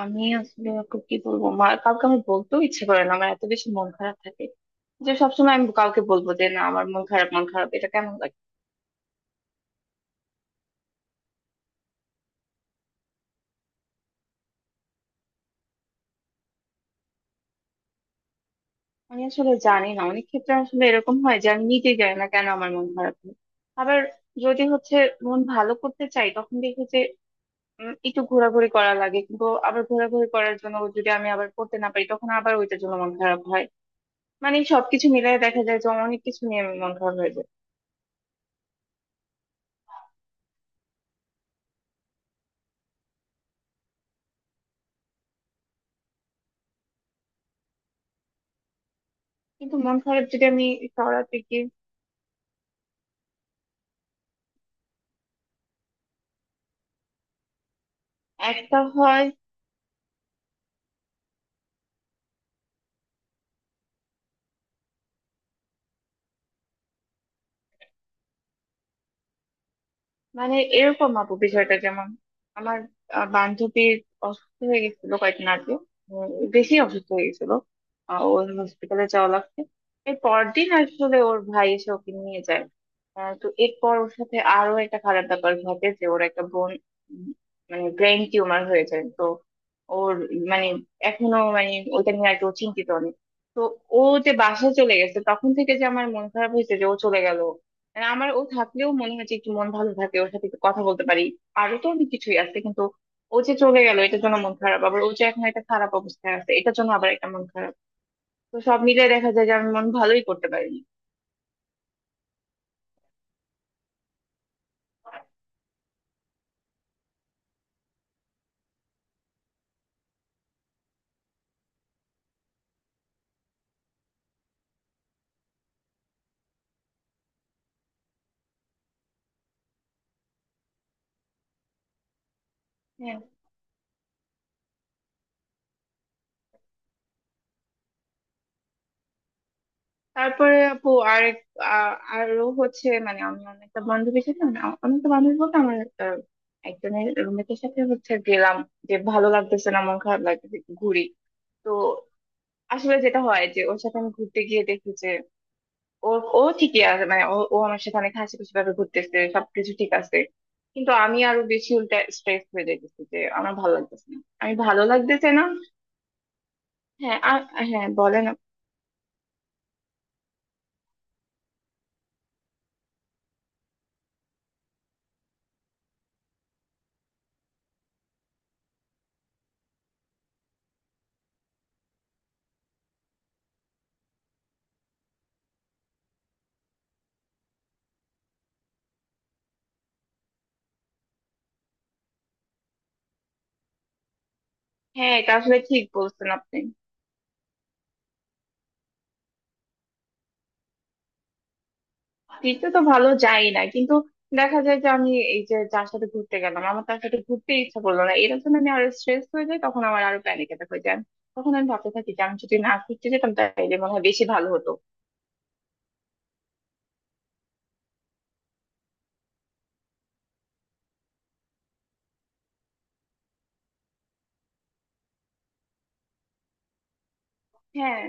আমি আসলে খুব কি বলবো মা কাউকে আমি বলতেও ইচ্ছে করে না, আমার এত বেশি মন খারাপ থাকে যে সবসময় আমি কাউকে বলবো যে না আমার মন খারাপ। মন খারাপ এটা কেমন লাগে আমি আসলে জানি না। অনেক ক্ষেত্রে আসলে এরকম হয় যে আমি নিজেই জানি না কেন আমার মন খারাপ হয়। আবার যদি হচ্ছে মন ভালো করতে চাই তখন দেখি যে একটু ঘোরাঘুরি করা লাগে, কিন্তু আবার ঘোরাঘুরি করার জন্য যদি আমি আবার করতে না পারি তখন আবার ওইটার জন্য মন খারাপ হয়। মানে সবকিছু মিলিয়ে দেখা যায় যে অনেক কিছু নিয়ে আমি মন খারাপ হয়ে যায়। কিন্তু মন খারাপ যদি আমি সরাতে গিয়ে একটা হয়, মানে এরকম আপু বিষয়টা যেমন আমার বান্ধবীর অসুস্থ হয়ে গেছিল কয়েকদিন আগে। উম, বেশি অসুস্থ হয়ে গেছিল। ওর হসপিটালে যাওয়া লাগছে। এর পরদিন আসলে ওর ভাই এসে ওকে নিয়ে যায়। তো এরপর ওর সাথে আরো একটা খারাপ ব্যাপার ঘটে যে ওর একটা বোন, উম, মানে ব্রেন টিউমার হয়ে যায়। তো ওর মানে এখনো মানে ওইটা নিয়ে আর কি ও চিন্তিত অনেক। তো ও যে বাসায় চলে গেছে তখন থেকে যে আমার মন খারাপ হয়েছে যে ও চলে গেল। আর আমার ও থাকলেও মনে হয় যে একটু মন ভালো থাকে, ওর সাথে একটু কথা বলতে পারি। আরো তো অনেক কিছুই আছে কিন্তু ও যে চলে গেল এটার জন্য মন খারাপ, আবার ও যে এখন একটা খারাপ অবস্থায় আছে এটার জন্য আবার একটা মন খারাপ। তো সব মিলে দেখা যায় যে আমি মন ভালোই করতে পারিনি। হ্যাঁ। তারপরে আপু আর আরো হচ্ছে মানে আমি অনেকটা বান্ধবীর সাথে না, অনেকটা বান্ধবী বলতে আমার আহ, একজনের রুমমেটের সাথে হচ্ছে গেলাম যে ভালো লাগতেছে না, মন খারাপ লাগতেছে, একটু ঘুরি। তো আসলে যেটা হয় যে ওর সাথে আমি ঘুরতে গিয়ে দেখি যে ও ও ঠিকই আছে, মানে ও ও আমার সাথে অনেক হাসি খুশি ভাবে ঘুরতেছে, সবকিছু ঠিক আছে। কিন্তু আমি আরো বেশি উল্টা স্ট্রেস হয়ে যাইতেছি যে আমার ভালো লাগতেছে না, আমি ভালো লাগতেছে না। হ্যাঁ আর। হ্যাঁ বলেন হ্যাঁ এটা আসলে ঠিক বলছেন আপনি। দিতে তো ভালো যাই না, কিন্তু দেখা যায় যে আমি এই যে যার সাথে ঘুরতে গেলাম আমার তার সাথে ঘুরতে ইচ্ছা করলো না, এর জন্য আমি আরো স্ট্রেস হয়ে যাই, তখন আমার আরো প্যানিক অ্যাটাক হয়ে যায়। তখন আমি ভাবতে থাকি যে আমি যদি না ঘুরতে যেতাম তাহলে মনে হয় বেশি ভালো হতো। হ্যাঁ।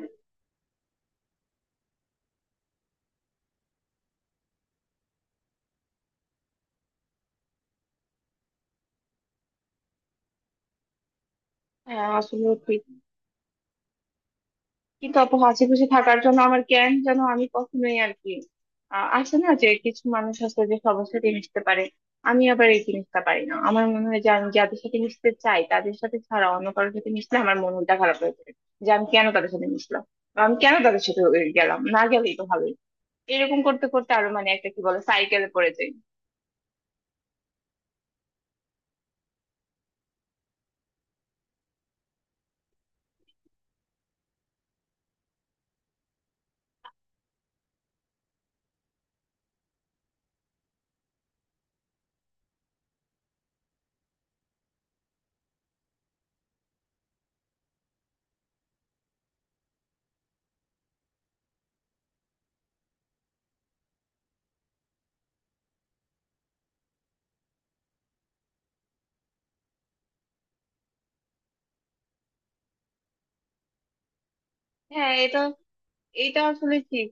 হ্যাঁ আসলে। কিন্তু অত হাসি খুশি থাকার জন্য আমার জ্ঞান যেন আমি কখনোই আর কি আছে না যে কিছু মানুষ আছে যে সবার সাথে মিশতে পারে। আমি আবার এই জিনিসটা পারি না, আমার মনে হয় যে আমি যাদের সাথে মিশতে চাই তাদের সাথে ছাড়া অন্য কারোর সাথে মিশলে আমার মনটা খারাপ হয়ে যায়। যে আমি কেন তাদের সাথে মিশলাম, বা আমি কেন তাদের সাথে গেলাম, না গেলেই তো ভালোই। এরকম করতে করতে আরো মানে একটা কি বলে সাইকেলে পড়ে যাই। হ্যাঁ এটা এটা আসলে ঠিক।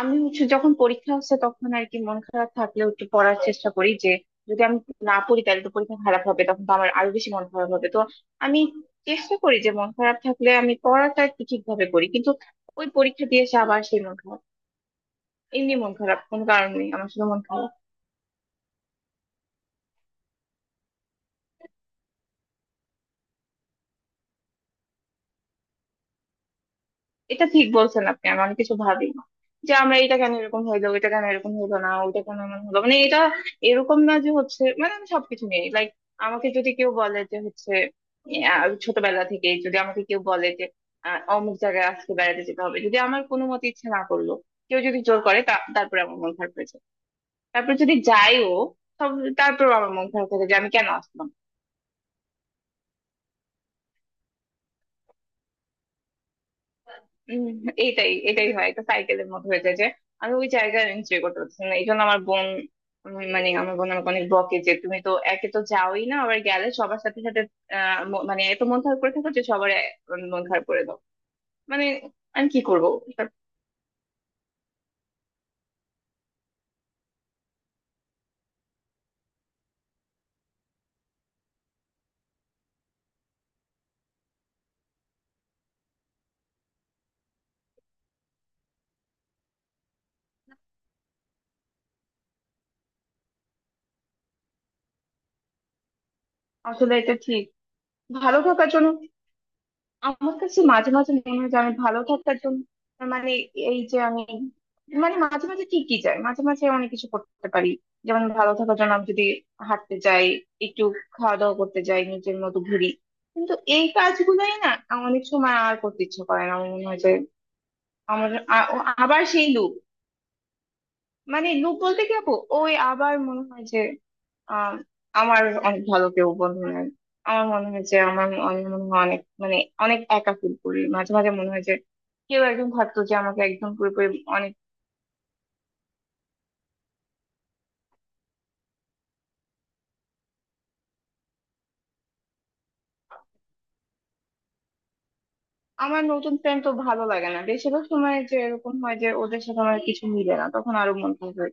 আমি হচ্ছে যখন পরীক্ষা হচ্ছে তখন আর কি মন খারাপ থাকলেও একটু পড়ার চেষ্টা করি যে যদি আমি না পড়ি তাহলে তো পরীক্ষা খারাপ হবে, তখন তো আমার আরো বেশি মন খারাপ হবে। তো আমি চেষ্টা করি যে মন খারাপ থাকলে আমি পড়াটা একটু ঠিকভাবে করি, কিন্তু ওই পরীক্ষা দিয়ে এসে আবার সেই মন খারাপ। এমনি মন খারাপ কোনো কারণ নেই, আমার শুধু মন খারাপ। এটা ঠিক বলছেন আপনি। আমি অনেক কিছু ভাবি না যে আমরা এটা কেন এরকম হইলো, এটা কেন এরকম হইলো না, ওইটা কেন এমন হলো, মানে এটা এরকম না যে হচ্ছে, মানে আমি সবকিছু নিয়ে লাইক আমাকে যদি কেউ বলে যে হচ্ছে ছোটবেলা থেকে যদি আমাকে কেউ বলে যে অমুক জায়গায় আজকে বেড়াতে যেতে হবে, যদি আমার কোনো মতে ইচ্ছে না করলো, কেউ যদি জোর করে তারপরে আমার মন খারাপ হয়েছে। তারপর যদি যাইও তবে তারপর আমার মন খারাপ থাকে যে আমি কেন আসলাম। উম, এইটাই এটাই হয়, এটা সাইকেলের মতো হয়ে যায় যে আমি ওই জায়গায় এনজয় করতে পারছি না, এই জন্য আমার বোন মানে আমার বোন আমাকে অনেক বকে যে তুমি তো একে তো যাওই না, আবার গেলে সবার সাথে সাথে মানে এত মন খারাপ করে থাকো যে সবার মন খারাপ করে দাও। মানে আমি কি করবো। আসলে এটা ঠিক, ভালো থাকার জন্য। আমার কাছে মাঝে মাঝে মনে হয় যে আমি ভালো থাকার জন্য মানে এই যে আমি মানে মাঝে মাঝে ঠিকই যায়, মাঝে মাঝে অনেক কিছু করতে পারি, যেমন ভালো থাকার জন্য আমি যদি হাঁটতে যাই, একটু খাওয়া দাওয়া করতে যাই, নিজের মতো ঘুরি। কিন্তু এই কাজগুলোই না আমার অনেক সময় আর করতে ইচ্ছে করে না। আমার মনে হয় যে আমার ও আবার সেই লুপ। মানে লুপ বলতে কি আপু, ওই আবার মনে হয় যে আহ আমার অনেক ভালো কেউ বন্ধু নাই। আমার মনে হয় যে আমার আমি মনে হয় অনেক মানে অনেক একা ফিল করি। মাঝে মাঝে মনে হয় যে কেউ একজন থাকতো যে আমাকে একদম পুরোপুরি অনেক। আমার নতুন ফ্রেন্ড তো ভালো লাগে না, বেশিরভাগ সময় যে এরকম হয় যে ওদের সাথে আমার কিছু মিলে না, তখন আরো মন খারাপ হয়।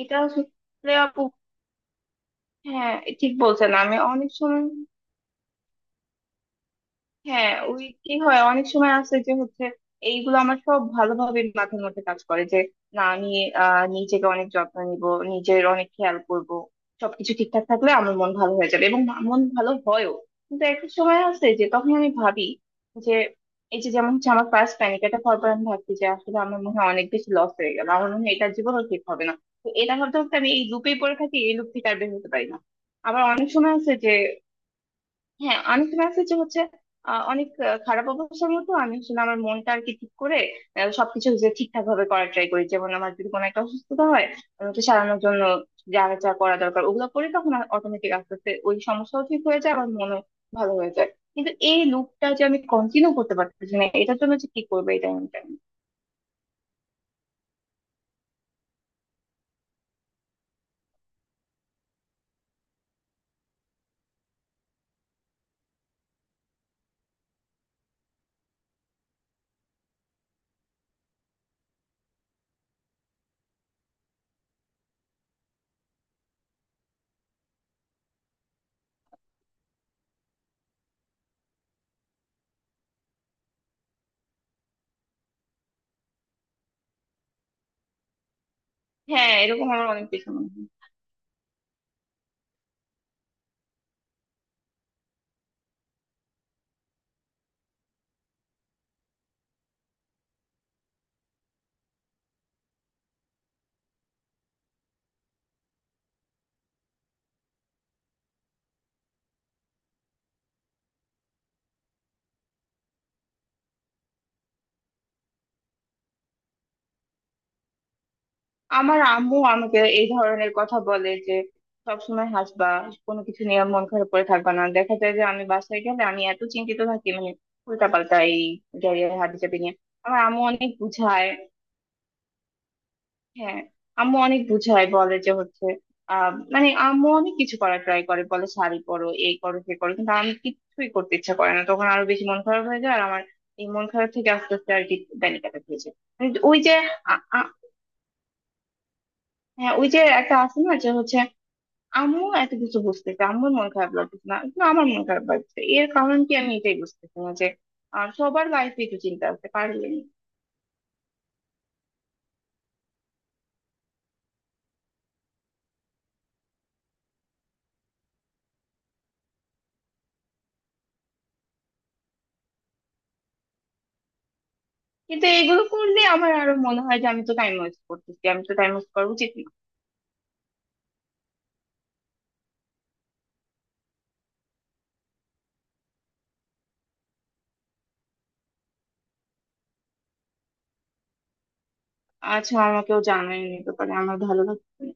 এটা আসলে আপু। হ্যাঁ ঠিক বলছেন। আমি অনেক সময় হ্যাঁ ওই কি হয় অনেক সময় আছে যে হচ্ছে এইগুলো আমার সব ভালোভাবে মাথার মধ্যে কাজ করে যে না আমি নিজেকে অনেক যত্ন নিব, নিজের অনেক খেয়াল করব, সবকিছু ঠিকঠাক থাকলে আমার মন ভালো হয়ে যাবে এবং মন ভালো হয়ও। কিন্তু একটা সময় আছে যে তখন আমি ভাবি যে এই যে যেমন হচ্ছে আমার ফার্স্ট প্যানিক এটা হওয়ার পর আমি ভাবছি যে আসলে আমার মনে হয় অনেক বেশি লস হয়ে গেল, আমার মনে হয় এটা জীবনও ঠিক হবে না। তো এটা ভাবতে ভাবতে আমি এই লুপেই পড়ে থাকি, এই লুপ থেকে আর বের হতে পারি না। আবার অনেক সময় আছে যে হ্যাঁ আমি তো আছে যে হচ্ছে অনেক খারাপ অবস্থার মতো আমি আসলে আমার মনটা আর কি ঠিক করে সবকিছু যে ঠিকঠাক ভাবে করার ট্রাই করি, যেমন আমার যদি কোনো একটা অসুস্থতা হয় আমি ওকে সারানোর জন্য যা যা করা দরকার ওগুলো করে তখন অটোমেটিক আস্তে আস্তে ওই সমস্যাও ঠিক হয়ে যায়, আমার মনও ভালো হয়ে যায়। কিন্তু এই লুপটা যে আমি কন্টিনিউ করতে পারতেছি না এটার জন্য যে কি করবে এটা আমি জানি না। হ্যাঁ এরকম আমার অনেক বেশি মনে হয়। আমার আম্মু আমাকে এই ধরনের কথা বলে যে সবসময় হাসবা, কোনো কিছু নিয়ে মন খারাপ করে থাকবা না। দেখা যায় যে আমি বাসায় গেলে আমি এত চিন্তিত থাকি, মানে উল্টা পাল্টা এই ক্যারিয়ার হাবি জাবি নিয়ে। আমার আম্মু অনেক বুঝায়। হ্যাঁ আম্মু অনেক বুঝায় বলে যে হচ্ছে মানে আম্মু অনেক কিছু করার ট্রাই করে, বলে শাড়ি পরো এই করো সে করো, কিন্তু আমি কিছুই করতে ইচ্ছা করে না, তখন আরো বেশি মন খারাপ হয়ে যায়। আর আমার এই মন খারাপ থেকে আস্তে আস্তে আর কি ব্যানিক অ্যাটাক হয়েছে। ওই যে আ- আ- হ্যাঁ ওই যে একটা আছে না যে হচ্ছে আম্মু এত কিছু বুঝতেছে, আম্মুর মন খারাপ লাগতেছে না, কিন্তু আমার মন খারাপ লাগছে, এর কারণ কি আমি এটাই বুঝতেছি না যে আর সবার লাইফে একটু চিন্তা আছে পারলে নি। কিন্তু এগুলো করলে আমার আরো মনে হয় যে আমি তো টাইম ওয়েস্ট করতেছি, আমি তো টাইম ওয়েস্ট করা উচিত না। আচ্ছা আমাকেও জানাই নিতে পারে আমার ভালো লাগছে না।